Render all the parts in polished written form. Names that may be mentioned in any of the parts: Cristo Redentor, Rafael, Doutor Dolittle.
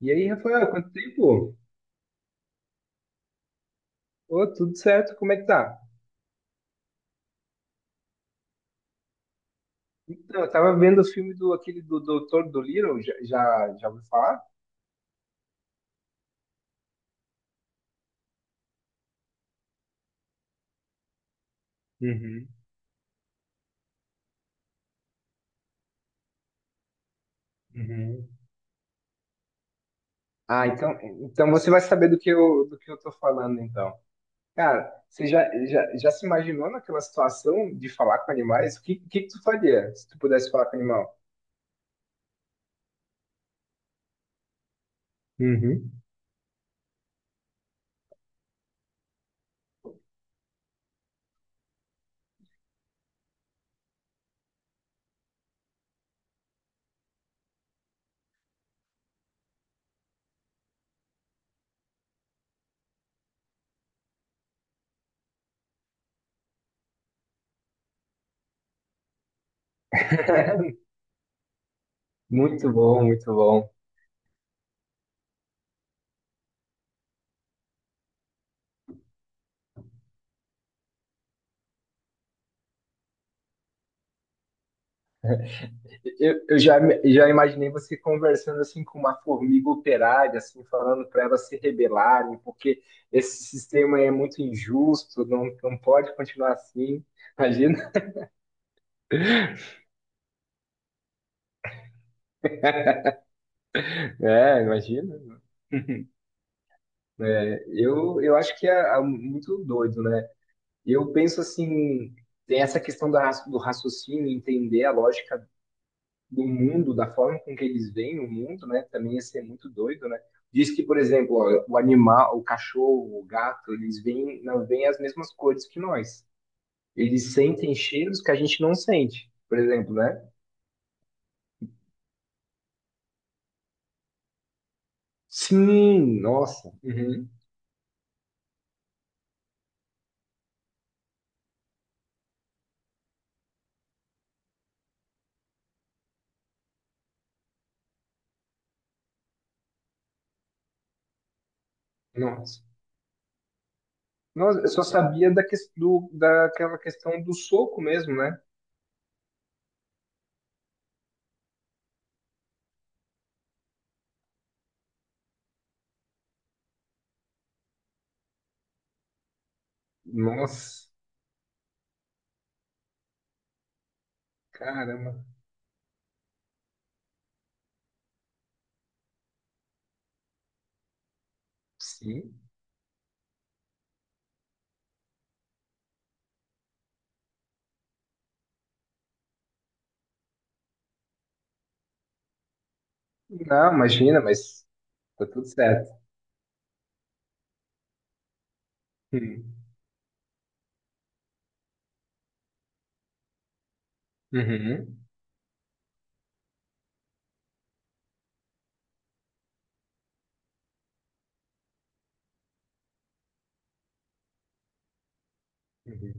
E aí, Rafael, quanto tempo? Ô, tudo certo, como é que tá? Então, eu tava vendo os filmes do aquele do Doutor Dolittle, já ouviu falar? Uhum, uhum. Ah, então você vai saber do que eu tô falando, então. Cara, você já se imaginou naquela situação de falar com animais? O que tu faria se tu pudesse falar com animal? Uhum. Muito bom, muito bom. Eu já imaginei você conversando assim com uma formiga operária, assim, falando para elas se rebelarem, porque esse sistema é muito injusto, não pode continuar assim. Imagina, imagina. É, eu acho que é muito doido, né? Eu penso assim, tem essa questão do raciocínio, entender a lógica do mundo, da forma com que eles veem o mundo, né? Também ia ser muito doido, né? Diz que, por exemplo, ó, o animal, o cachorro, o gato, eles veem, não veem as mesmas cores que nós. Eles sentem cheiros que a gente não sente, por exemplo, né? Sim, nossa, uhum, nossa. Nossa, eu só sabia daquela questão do soco mesmo, né? Nossa, caramba. Sim. Não, imagina, mas tá tudo certo. Uhum. Uhum. Uhum.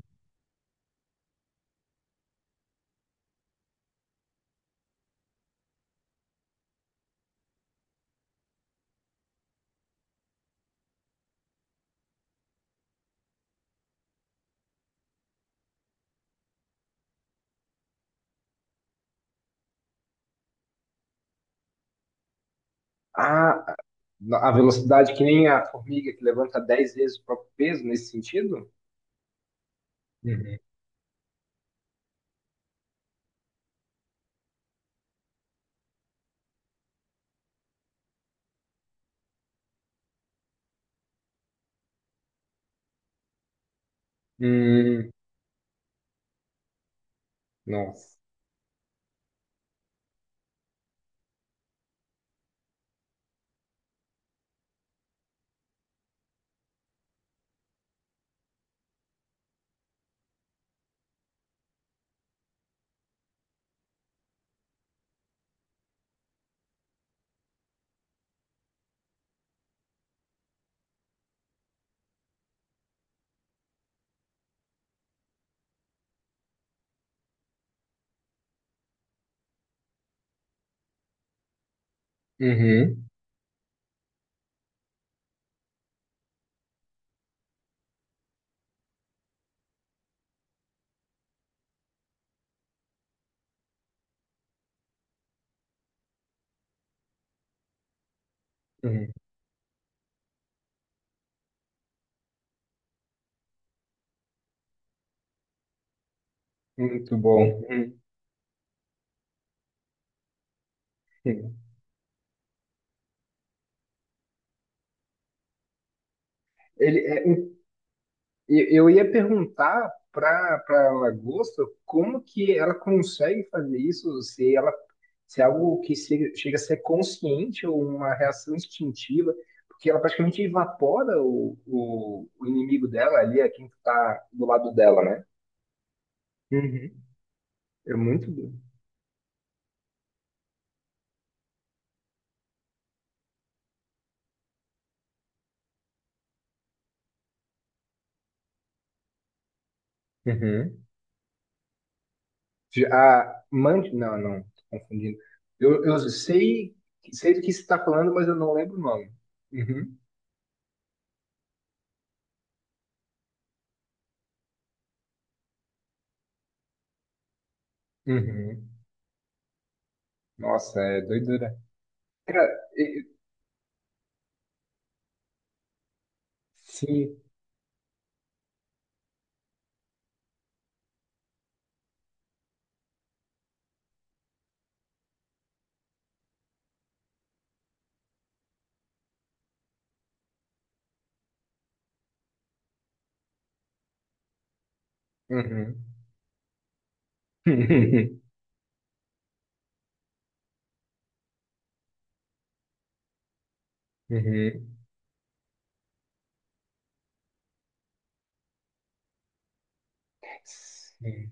Ah, a velocidade que nem a formiga que levanta 10 vezes o próprio peso nesse sentido? Uhum. Hum, nossa. Uhum. Uhum. Muito bom. Uhum. Ele, é, um- e- eu ia perguntar para a lagosta como que ela consegue fazer isso, se é algo que chega a ser consciente ou uma reação instintiva, porque ela praticamente evapora o inimigo dela ali, é quem está do lado dela, né? Uhum. É muito, bom. Uhum. já Mand... Não, não, tô confundindo. Eu sei do que você está falando, mas eu não lembro o nome. Uhum. Uhum. Nossa, é doidura. Cara, e- sim. Uhum. Uhum. Sim.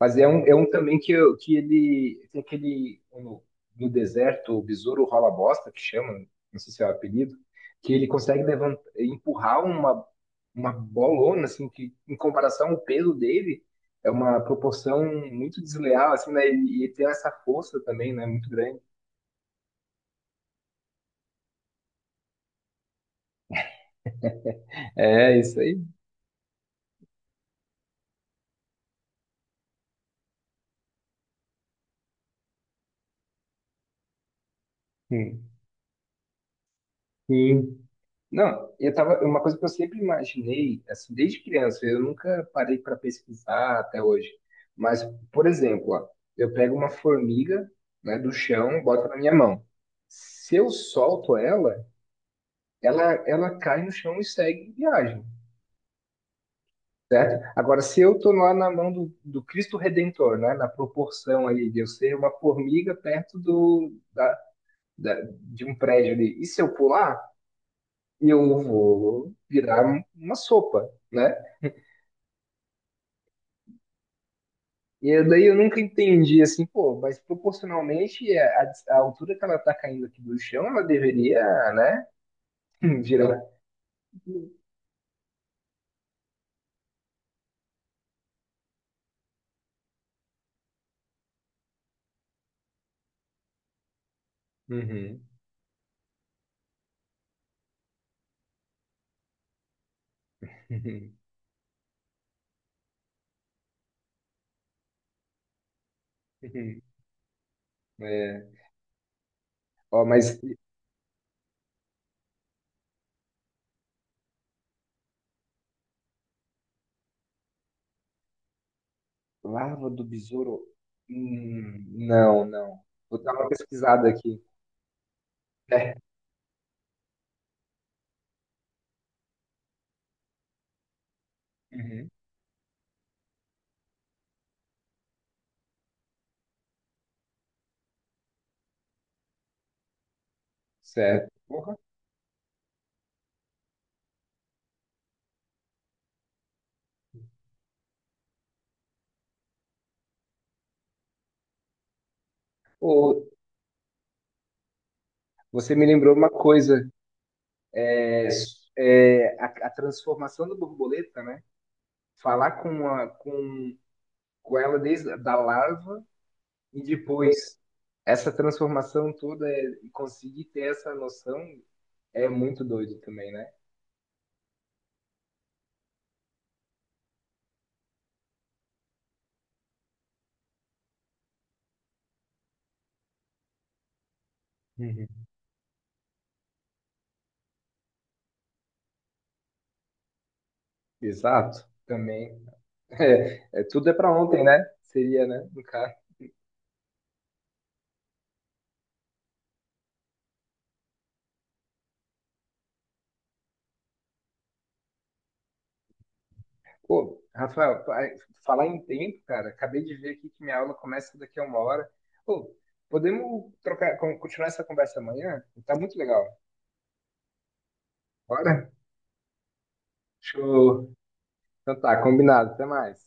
Mas é um também que, que ele tem aquele no deserto, o besouro rola bosta, que chama, não sei se é o apelido, que ele consegue levantar, empurrar uma bolona, assim, que em comparação ao peso dele, é uma proporção muito desleal, assim, né? E tem essa força também, né? Muito grande. É, isso aí. Hum. Sim. Não, eu tava, uma coisa que eu sempre imaginei, assim, desde criança, eu nunca parei para pesquisar até hoje. Mas, por exemplo, ó, eu pego uma formiga, né, do chão, boto na minha mão. Se eu solto ela, ela cai no chão e segue viagem. Certo? Agora, se eu estou lá na mão do Cristo Redentor, né, na proporção ali de eu ser uma formiga perto de um prédio ali, e se eu pular, eu vou virar uma sopa, né? E daí eu nunca entendi assim, pô, mas proporcionalmente é, a altura que ela está caindo aqui do chão, ela deveria, né, virar. Uhum. É. Ó, mas larva do besouro? Não, não. Vou dar uma pesquisada aqui. É. Uhum. Certo. Porra. Ô, você me lembrou uma coisa, é, a transformação da borboleta, né? Falar com com ela desde da larva e depois essa transformação toda, é, e conseguir ter essa noção é muito doido também, né? Uhum. Exato, também. Tudo é para ontem, né? Seria, né? No caso. Pô, Rafael, falar em tempo, cara, acabei de ver aqui que minha aula começa daqui a uma hora. Pô, podemos trocar, continuar essa conversa amanhã? Tá muito legal. Bora? Show. Então tá, combinado. Até mais.